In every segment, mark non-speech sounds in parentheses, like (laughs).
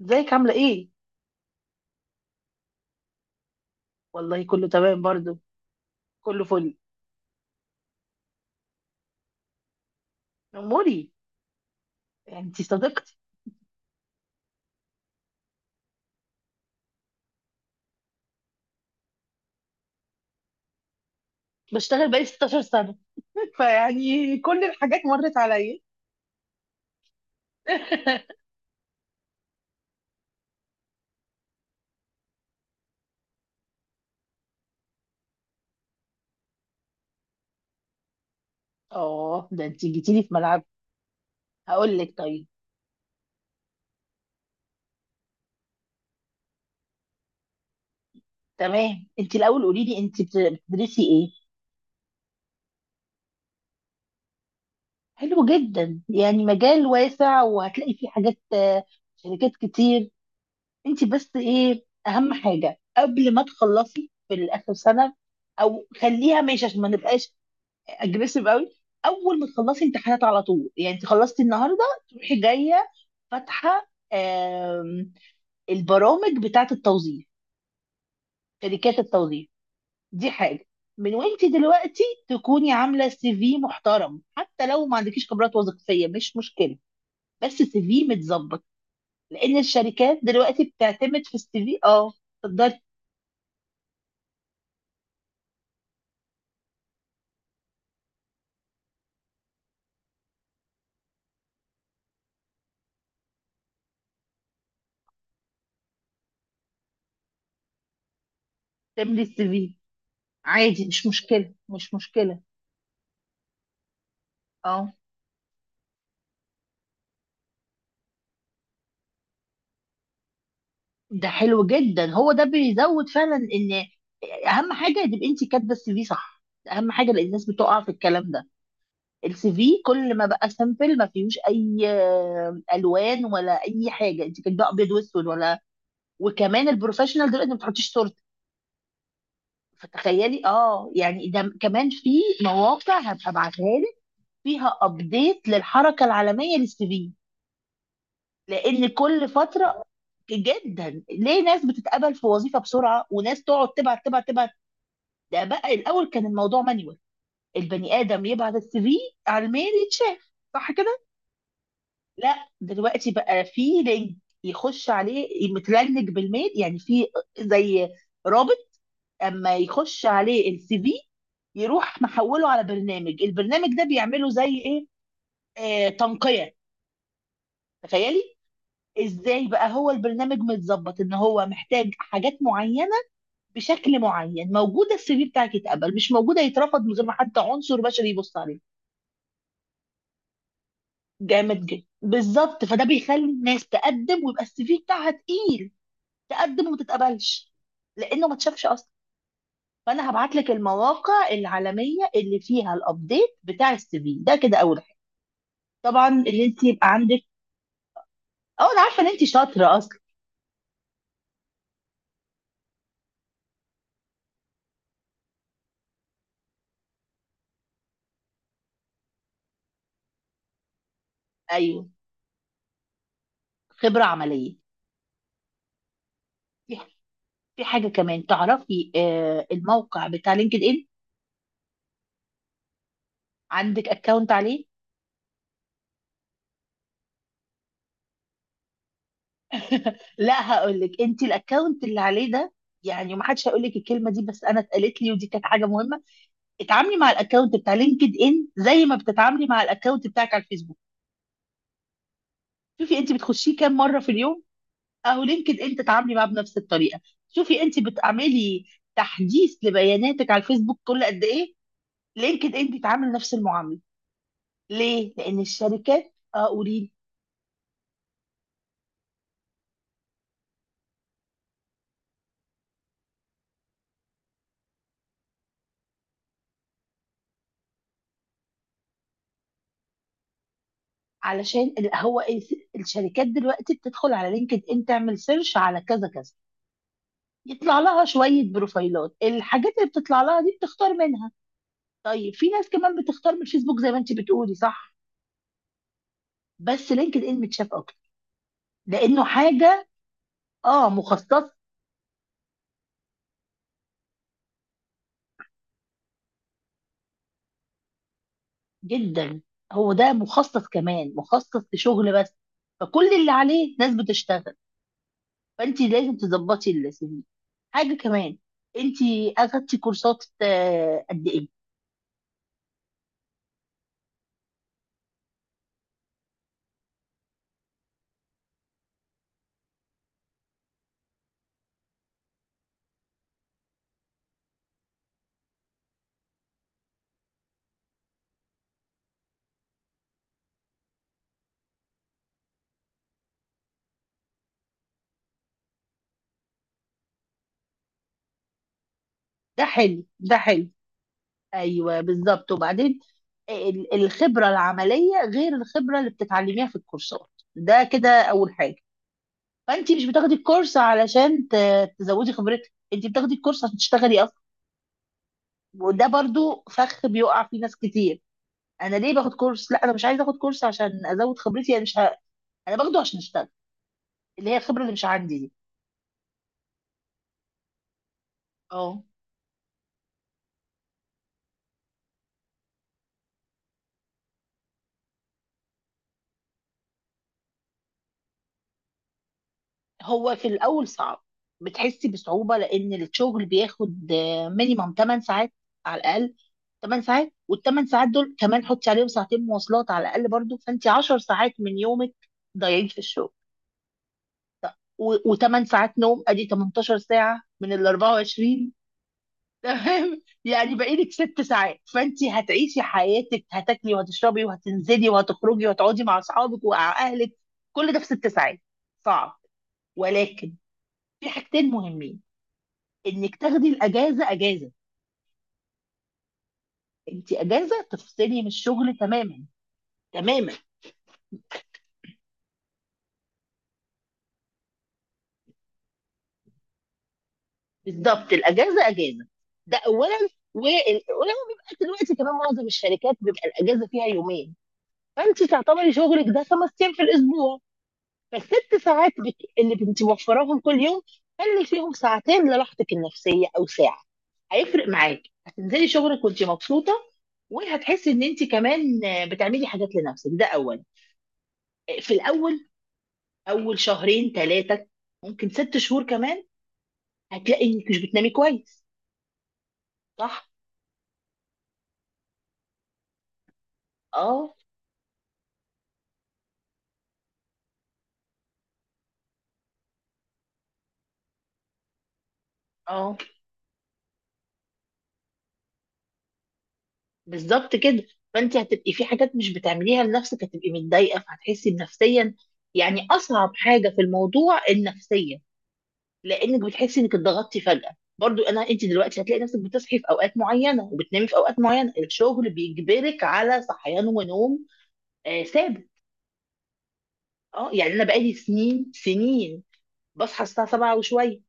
ازيك عاملة ايه؟ والله كله تمام برضو، كله فل. اموري، يعني انتي صديقتي. بشتغل بقالي 16 سنة، (laughs) فيعني كل الحاجات مرت عليا. (laughs) اه، ده انتي جيتيلي في ملعب. هقول لك، طيب. تمام، انتي الاول قولي لي، انتي بتدرسي ايه؟ حلو جدا، يعني مجال واسع وهتلاقي فيه حاجات، شركات كتير. انتي بس ايه اهم حاجة قبل ما تخلصي في الاخر سنة، او خليها ماشي عشان ما نبقاش اجريسيف قوي. اول ما تخلصي امتحانات على طول، يعني انت خلصتي النهارده تروحي جايه فاتحه البرامج بتاعه التوظيف، شركات التوظيف. دي حاجه. من وانت دلوقتي تكوني عامله سي في محترم، حتى لو ما عندكيش خبرات وظيفيه مش مشكله، بس سي في متظبط، لان الشركات دلوقتي بتعتمد في السي في. اه، تقدري تعملي السي في عادي، مش مشكله مش مشكله. اه ده حلو جدا، هو ده بيزود فعلا ان اهم حاجه تبقى انت كاتبه السي في صح. ده اهم حاجه لان الناس بتقع في الكلام ده. السي في كل ما بقى سامبل ما فيهوش اي الوان ولا اي حاجه، انت كاتبه ابيض واسود ولا. وكمان البروفيشنال دلوقتي ما بتحطيش صورتك. فتخيلي، اه يعني ده كمان، في مواقع هبقى ابعتها لك فيها ابديت للحركه العالميه للسي في، لان كل فتره جدا ليه ناس بتتقبل في وظيفه بسرعه وناس تقعد تبعت تبعت تبعت. ده بقى الاول كان الموضوع مانيوال، البني ادم يبعت السي في على الميل يتشاف، صح كده. لا دلوقتي بقى في لينك يخش عليه، متلنك بالميل يعني، في زي رابط، اما يخش عليه السي في يروح محوله على برنامج، البرنامج ده بيعمله زي ايه، آه تنقية. تخيلي، ازاي بقى هو البرنامج متظبط ان هو محتاج حاجات معينة بشكل معين، موجودة السي في بتاعك يتقبل، مش موجودة يترفض، من غير ما حتى عنصر بشري يبص عليه. جامد جدا بالظبط، فده بيخلي الناس تقدم ويبقى السي في بتاعها تقيل، تقدم وما تتقبلش لانه ما اتشافش اصلا. فانا هبعت لك المواقع العالميه اللي فيها الابديت بتاع السي في، ده كده اول حاجه. طبعا اللي انت يبقى عندك، اه انا عارفه ان انت شاطره اصلا. ايوه، خبره عمليه. في في حاجه كمان تعرفي، آه الموقع بتاع لينكد ان، عندك اكونت عليه؟ لا هقول لك، انت الاكونت اللي عليه ده، يعني ما حدش هيقول لك الكلمه دي، بس انا اتقالت لي ودي كانت حاجه مهمه. اتعاملي مع الاكونت بتاع لينكد ان زي ما بتتعاملي مع الاكونت بتاعك على الفيسبوك. شوفي انت بتخشيه كام مره في اليوم، اهو لينكد ان تتعاملي معاه بنفس الطريقه. شوفي انت بتعملي تحديث لبياناتك على الفيسبوك كل قد ايه، لينكد ان بيتعامل نفس المعامله. ليه؟ لان الشركات، اه قولي، علشان هو الشركات دلوقتي بتدخل على لينكد ان تعمل سيرش على كذا كذا، يطلع لها شويه بروفايلات، الحاجات اللي بتطلع لها دي بتختار منها. طيب في ناس كمان بتختار من الفيسبوك زي ما انت بتقولي، صح، بس لينكد ان متشاف اكتر لانه حاجه اه مخصص. جدا هو ده مخصص، كمان مخصص لشغل بس، فكل اللي عليه ناس بتشتغل. فانت لازم تظبطي السي في. حاجه كمان، انت اخدتي كورسات قد ايه؟ ده حلو ده حلو. ايوه بالظبط وبعدين الخبره العمليه غير الخبره اللي بتتعلميها في الكورسات، ده كده اول حاجه. فانت مش بتاخدي الكورس علشان تزودي خبرتك، انت بتاخدي الكورس عشان تشتغلي اصلا. وده برضو فخ بيقع فيه ناس كتير، انا ليه باخد كورس؟ لا انا مش عايزه اخد كورس عشان ازود خبرتي، انا مش انا باخده عشان اشتغل، اللي هي الخبره اللي مش عندي دي. اه. هو في الاول صعب، بتحسي بصعوبه لان الشغل بياخد مينيمم 8 ساعات على الاقل، 8 ساعات. والثمان ساعات دول كمان حطي عليهم ساعتين مواصلات على الاقل، برضو فانت 10 ساعات من يومك ضايعين في الشغل، و8 ساعات نوم، ادي 18 ساعه من ال 24. تمام، يعني بقالك 6 ساعات، فانت هتعيشي حياتك، هتاكلي وهتشربي وهتنزلي وهتخرجي وهتقعدي مع اصحابك ومع اهلك، كل ده في 6 ساعات. صعب، ولكن في حاجتين مهمين. انك تاخدي الاجازه اجازه، انت اجازه تفصلي من الشغل تماما، تماما. بالظبط، الاجازه اجازه، ده اولا. وال- ولما بيبقى دلوقتي كمان معظم الشركات بيبقى الاجازه فيها يومين، فانت تعتبري شغلك ده 5 ايام في الاسبوع. فالست ساعات اللي بنتي موفراهم كل يوم، خلي فيهم ساعتين لراحتك النفسية أو ساعة. هيفرق معاكي، هتنزلي شغلك وانت مبسوطة، وهتحسي ان انت كمان بتعملي حاجات لنفسك. ده أول، في الأول، أول شهرين ثلاثة، ممكن 6 شهور كمان، هتلاقي انك مش بتنامي كويس، صح؟ اه اه بالظبط كده. فانت هتبقي في حاجات مش بتعمليها لنفسك، هتبقي متضايقة فهتحسي نفسيا، يعني أصعب حاجة في الموضوع النفسية، لانك بتحسي انك اتضغطتي فجاه. برضو انا انت دلوقتي هتلاقي نفسك بتصحي في اوقات معينه وبتنامي في اوقات معينه، الشغل بيجبرك على صحيان ونوم آه ثابت. اه يعني انا بقالي سنين سنين، بصحى الساعه 7 وشويه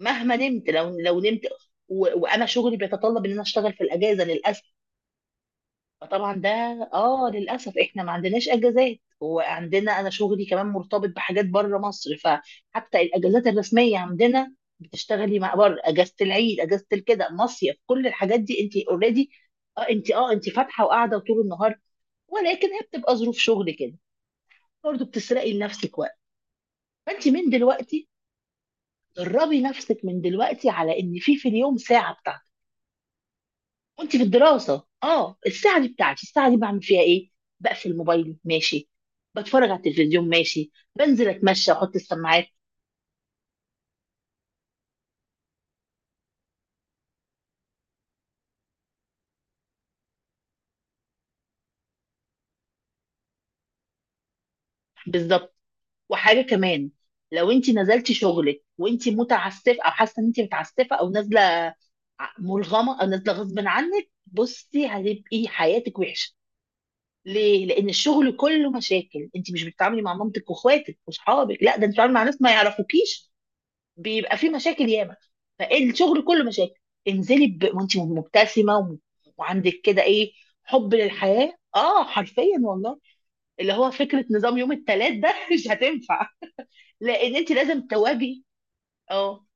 مهما نمت، لو نمت. وانا شغلي بيتطلب ان انا اشتغل في الاجازه للاسف. فطبعا ده، اه للاسف احنا ما عندناش اجازات، وعندنا انا شغلي كمان مرتبط بحاجات بره مصر، فحتى الاجازات الرسميه عندنا بتشتغلي مع بره، اجازه العيد، اجازه الكده، مصيف، كل الحاجات دي انت اوريدي. اه انت، اه انت فاتحه وقاعده طول النهار، ولكن هي بتبقى ظروف شغل كده، برضه بتسرقي لنفسك وقت. فانت من دلوقتي دربي نفسك من دلوقتي على ان في في اليوم ساعه بتاعتك. وانت في الدراسه اه، الساعه دي بتاعتي الساعه دي بعمل فيها ايه، بقفل موبايلي، ماشي، بتفرج على التلفزيون، ماشي، بنزل اتمشى واحط السماعات. بالظبط. وحاجه كمان، لو انت نزلتي شغلك وانت متعسفه، او حاسه ان انت متعسفه او نازله مرغمه، او نازله غصب عنك، بصي هتبقي حياتك وحشه. ليه؟ لان الشغل كله مشاكل، انت مش بتتعاملي مع مامتك واخواتك واصحابك، لا ده انت بتتعاملي مع ناس ما يعرفوكيش، بيبقى في مشاكل ياما. فالشغل كله مشاكل، انزلي وانت مبتسمه، وعندك كده ايه، حب للحياه اه، حرفيا والله. اللي هو فكره نظام يوم الثلاث ده (laughs) مش هتنفع، لان انت لازم تواجهي. اه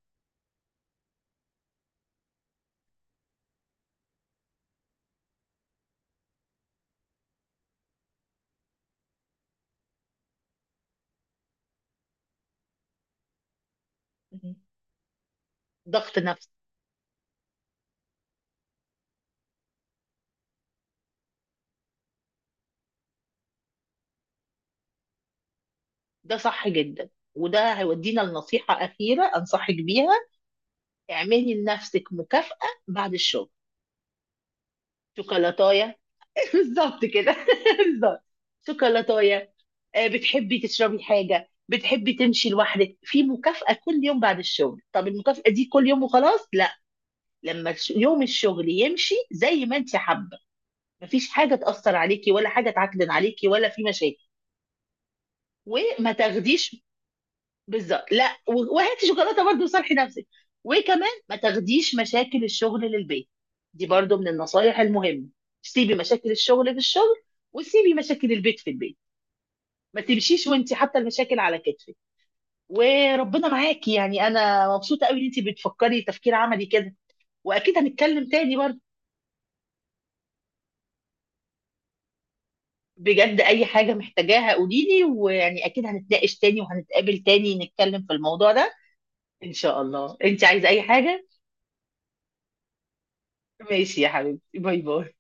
ضغط نفسي. ده صح جدا، وده هيودينا لنصيحه اخيره انصحك بيها. اعملي لنفسك مكافاه بعد الشغل. شوكولاتايه، (laughs) بالظبط كده، (laughs) بالظبط، شوكولاتايه. بتحبي تشربي حاجة، بتحبي تمشي لوحدك، في مكافأة كل يوم بعد الشغل. طب المكافأة دي كل يوم وخلاص؟ لا، لما يوم الشغل يمشي زي ما انت حابة، مفيش حاجة تأثر عليكي ولا حاجة تعكدن عليكي ولا في مشاكل، وما تاخديش. بالظبط، لا وهاتي شوكولاتة برضه وصالحي نفسك. وكمان ما تاخديش مشاكل الشغل للبيت، دي برضه من النصايح المهمة، سيبي مشاكل الشغل في الشغل، وسيبي مشاكل البيت في البيت، ما تمشيش وانت حاطه المشاكل على كتفك. وربنا معاكي، يعني انا مبسوطه قوي ان انت بتفكري تفكير عملي كده، واكيد هنتكلم تاني برضه. بجد اي حاجه محتاجاها قولي لي، ويعني اكيد هنتناقش تاني وهنتقابل تاني نتكلم في الموضوع ده. ان شاء الله. انت عايزه اي حاجه. ماشي يا حبيبتي، باي باي.